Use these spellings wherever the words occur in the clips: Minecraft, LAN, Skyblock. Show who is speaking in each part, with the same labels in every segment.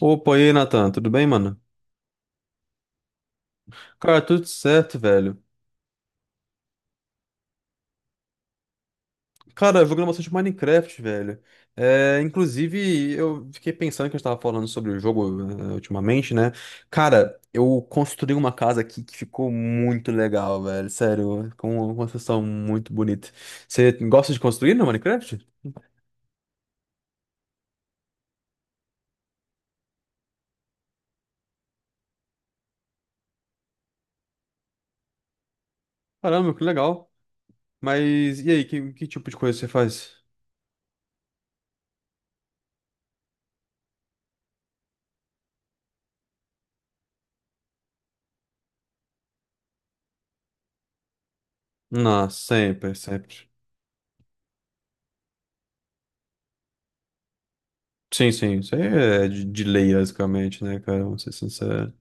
Speaker 1: Opa, e aí, Nathan, tudo bem, mano? Cara, tudo certo, velho. Cara, eu joguei bastante Minecraft, velho. É, inclusive, eu fiquei pensando que a gente tava falando sobre o jogo, ultimamente, né? Cara, eu construí uma casa aqui que ficou muito legal, velho. Sério, com uma construção muito bonita. Você gosta de construir no Minecraft? Caramba, que legal. Mas e aí, que tipo de coisa você faz? Não, sempre, sempre. Sim, sim, isso aí é de lei, basicamente, né, cara? Vamos ser sincero.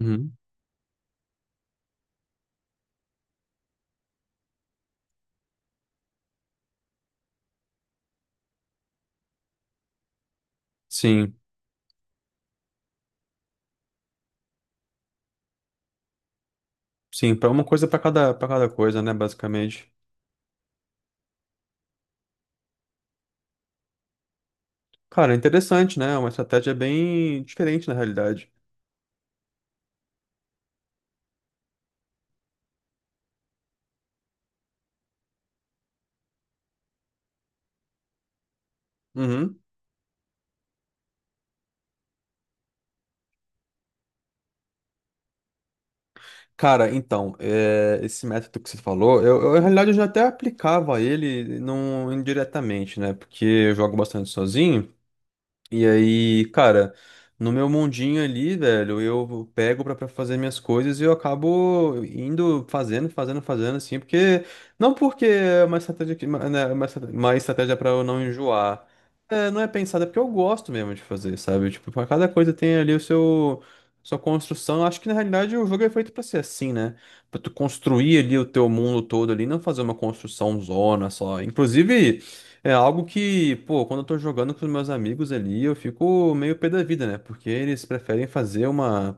Speaker 1: Uhum. Sim, sim, para uma coisa para cada coisa, né, basicamente. Cara, é interessante, né? Uma estratégia bem diferente na realidade. Uhum. Cara, então, é, esse método que você falou, eu, na realidade eu já até aplicava ele não indiretamente, né? Porque eu jogo bastante sozinho. E aí, cara, no meu mundinho ali, velho, eu pego pra fazer minhas coisas e eu acabo indo fazendo, fazendo, fazendo, assim, porque. Não porque é uma estratégia, uma, né, uma estratégia pra eu não enjoar. É, não é pensada, é porque eu gosto mesmo de fazer, sabe? Tipo, pra cada coisa tem ali o seu. Sua construção, acho que na realidade o jogo é feito pra ser assim, né? Pra tu construir ali o teu mundo todo ali, não fazer uma construção zona só. Inclusive. É algo que, pô, quando eu tô jogando com os meus amigos ali, eu fico meio pé da vida, né? Porque eles preferem fazer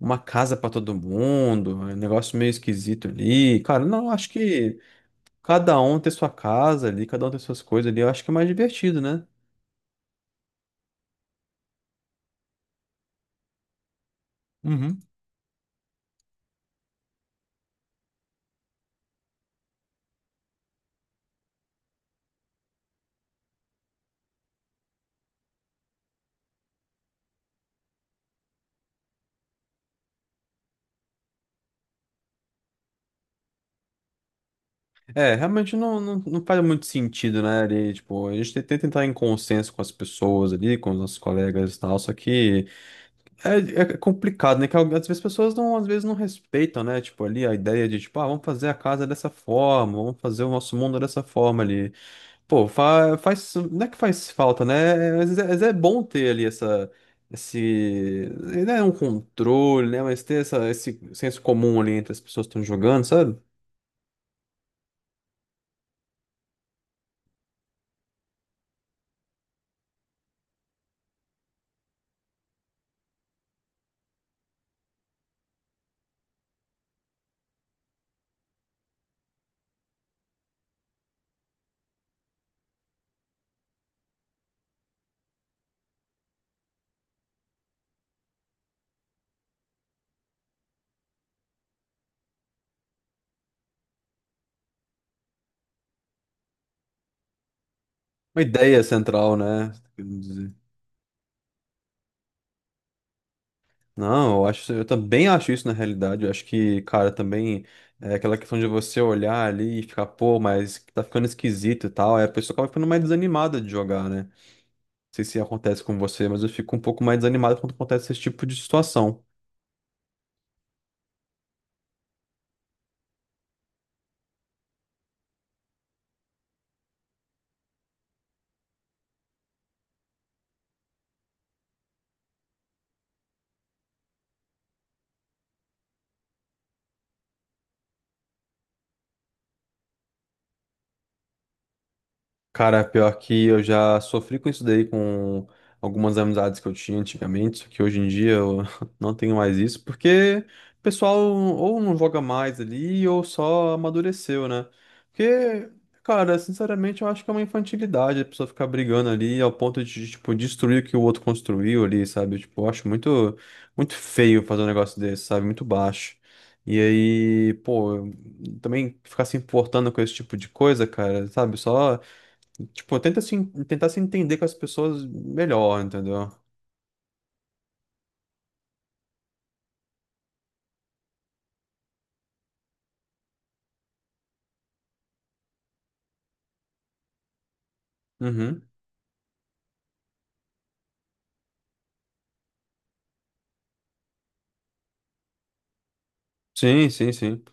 Speaker 1: uma casa pra todo mundo, é um negócio meio esquisito ali. Cara, não, eu acho que cada um ter sua casa ali, cada um ter suas coisas ali, eu acho que é mais divertido, né? Uhum. É, realmente não, não, não faz muito sentido, né? Ali, tipo, a gente tem que tentar entrar em consenso com as pessoas ali, com os nossos colegas e tal, só que. É, é complicado, né? Que às vezes as pessoas não, às vezes não respeitam, né? Tipo, ali a ideia de, tipo, ah, vamos fazer a casa dessa forma, vamos fazer o nosso mundo dessa forma ali. Pô, fa faz, não é que faz falta, né? Às vezes é bom ter ali essa, esse, não é um controle, né? Mas ter essa, esse senso comum ali entre as pessoas que estão jogando, sabe? Uma ideia central, né? Não, eu acho, eu também acho isso na realidade. Eu acho que, cara, também é aquela questão de você olhar ali e ficar, pô, mas tá ficando esquisito e tal. Aí a pessoa acaba ficando mais desanimada de jogar, né? Não sei se acontece com você, mas eu fico um pouco mais desanimado quando acontece esse tipo de situação. Cara, pior que eu já sofri com isso daí com algumas amizades que eu tinha antigamente, só que hoje em dia eu não tenho mais isso, porque o pessoal ou não joga mais ali ou só amadureceu, né? Porque, cara, sinceramente eu acho que é uma infantilidade a pessoa ficar brigando ali ao ponto de, tipo, destruir o que o outro construiu ali, sabe? Tipo, eu acho muito, muito feio fazer um negócio desse, sabe? Muito baixo. E aí, pô, também ficar se importando com esse tipo de coisa, cara, sabe? Só. Tipo, tentar se entender com as pessoas melhor, entendeu? Uhum. Sim, sim, sim.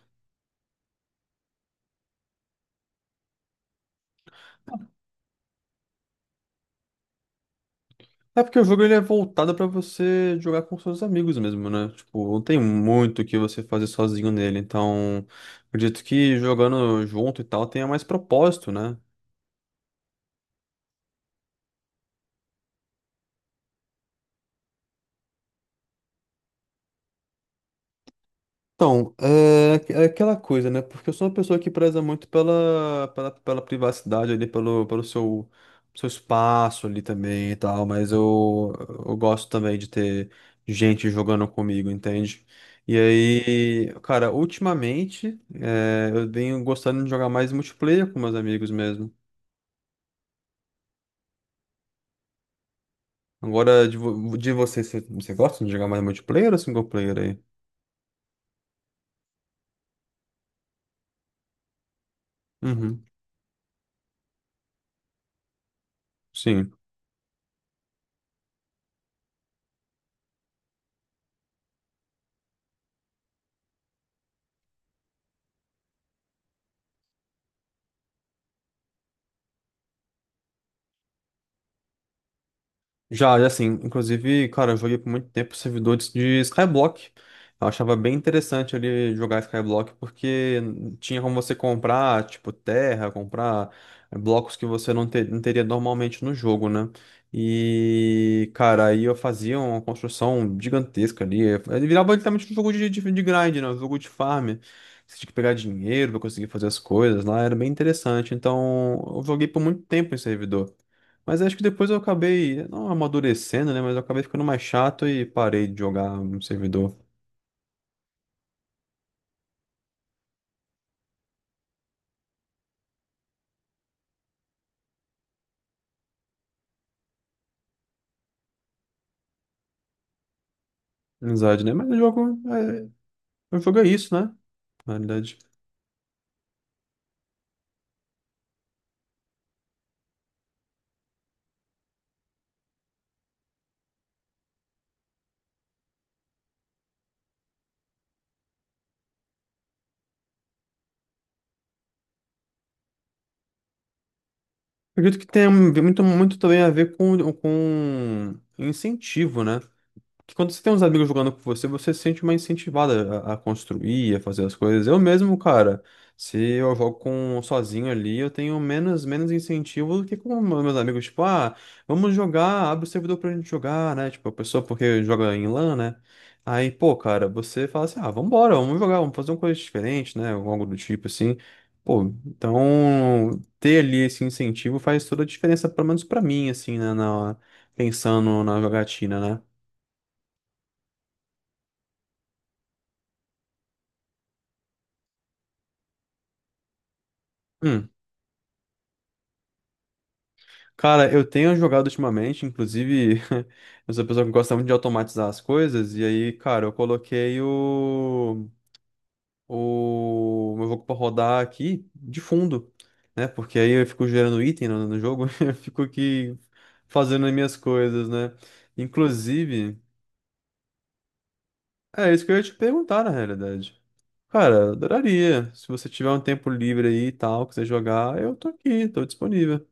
Speaker 1: É porque o jogo ele é voltado pra você jogar com seus amigos mesmo, né? Tipo, não tem muito o que você fazer sozinho nele. Então, acredito que jogando junto e tal tenha mais propósito, né? Então, é aquela coisa, né? Porque eu sou uma pessoa que preza muito pela privacidade ali, pelo seu, seu espaço ali também e tal, mas eu gosto também de ter gente jogando comigo, entende? E aí, cara, ultimamente, é, eu venho gostando de jogar mais multiplayer com meus amigos mesmo. Agora, de você, você gosta de jogar mais multiplayer ou single player aí? Uhum, sim. Já, já sim. Inclusive, cara, eu joguei por muito tempo servidores de Skyblock. Eu achava bem interessante ali jogar Skyblock, porque tinha como você comprar, tipo, terra, comprar blocos que você não teria normalmente no jogo, né? E, cara, aí eu fazia uma construção gigantesca ali. Ele virava literalmente um jogo de grind, né? Um jogo de farm. Você tinha que pegar dinheiro pra conseguir fazer as coisas lá, era bem interessante. Então, eu joguei por muito tempo em servidor. Mas acho que depois eu acabei, não amadurecendo, né? Mas eu acabei ficando mais chato e parei de jogar um servidor amizade, né? Mas o jogo é isso, né? Na realidade. Eu acredito que tem muito, muito também a ver com incentivo, né? Que quando você tem uns amigos jogando com você, você se sente mais incentivada a construir, a fazer as coisas. Eu mesmo, cara, se eu jogo com sozinho ali, eu tenho menos incentivo do que com os meus amigos, tipo, ah, vamos jogar, abre o servidor pra gente jogar, né? Tipo, a pessoa porque joga em LAN, né? Aí, pô, cara, você fala assim, ah, vambora, vamos jogar, vamos fazer uma coisa diferente, né? Ou algo do tipo assim. Pô, então ter ali esse incentivo faz toda a diferença, pelo menos pra mim, assim, né? Na, pensando na jogatina, né? Hum. Cara, eu tenho jogado ultimamente, inclusive, eu sou uma pessoa que gosta muito de automatizar as coisas, e aí, cara, eu coloquei o meu jogo pra rodar aqui de fundo, né? Porque aí eu fico gerando item no jogo, eu fico aqui fazendo as minhas coisas, né? Inclusive, é isso que eu ia te perguntar, na realidade. Cara, eu adoraria. Se você tiver um tempo livre aí e tal, quiser jogar, eu tô aqui, tô disponível.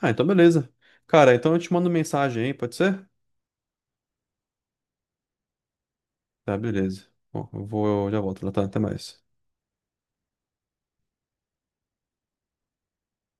Speaker 1: Ah, então beleza. Cara, então eu te mando mensagem aí, pode ser? Tá, beleza. Bom, eu já volto, Natan. Até mais.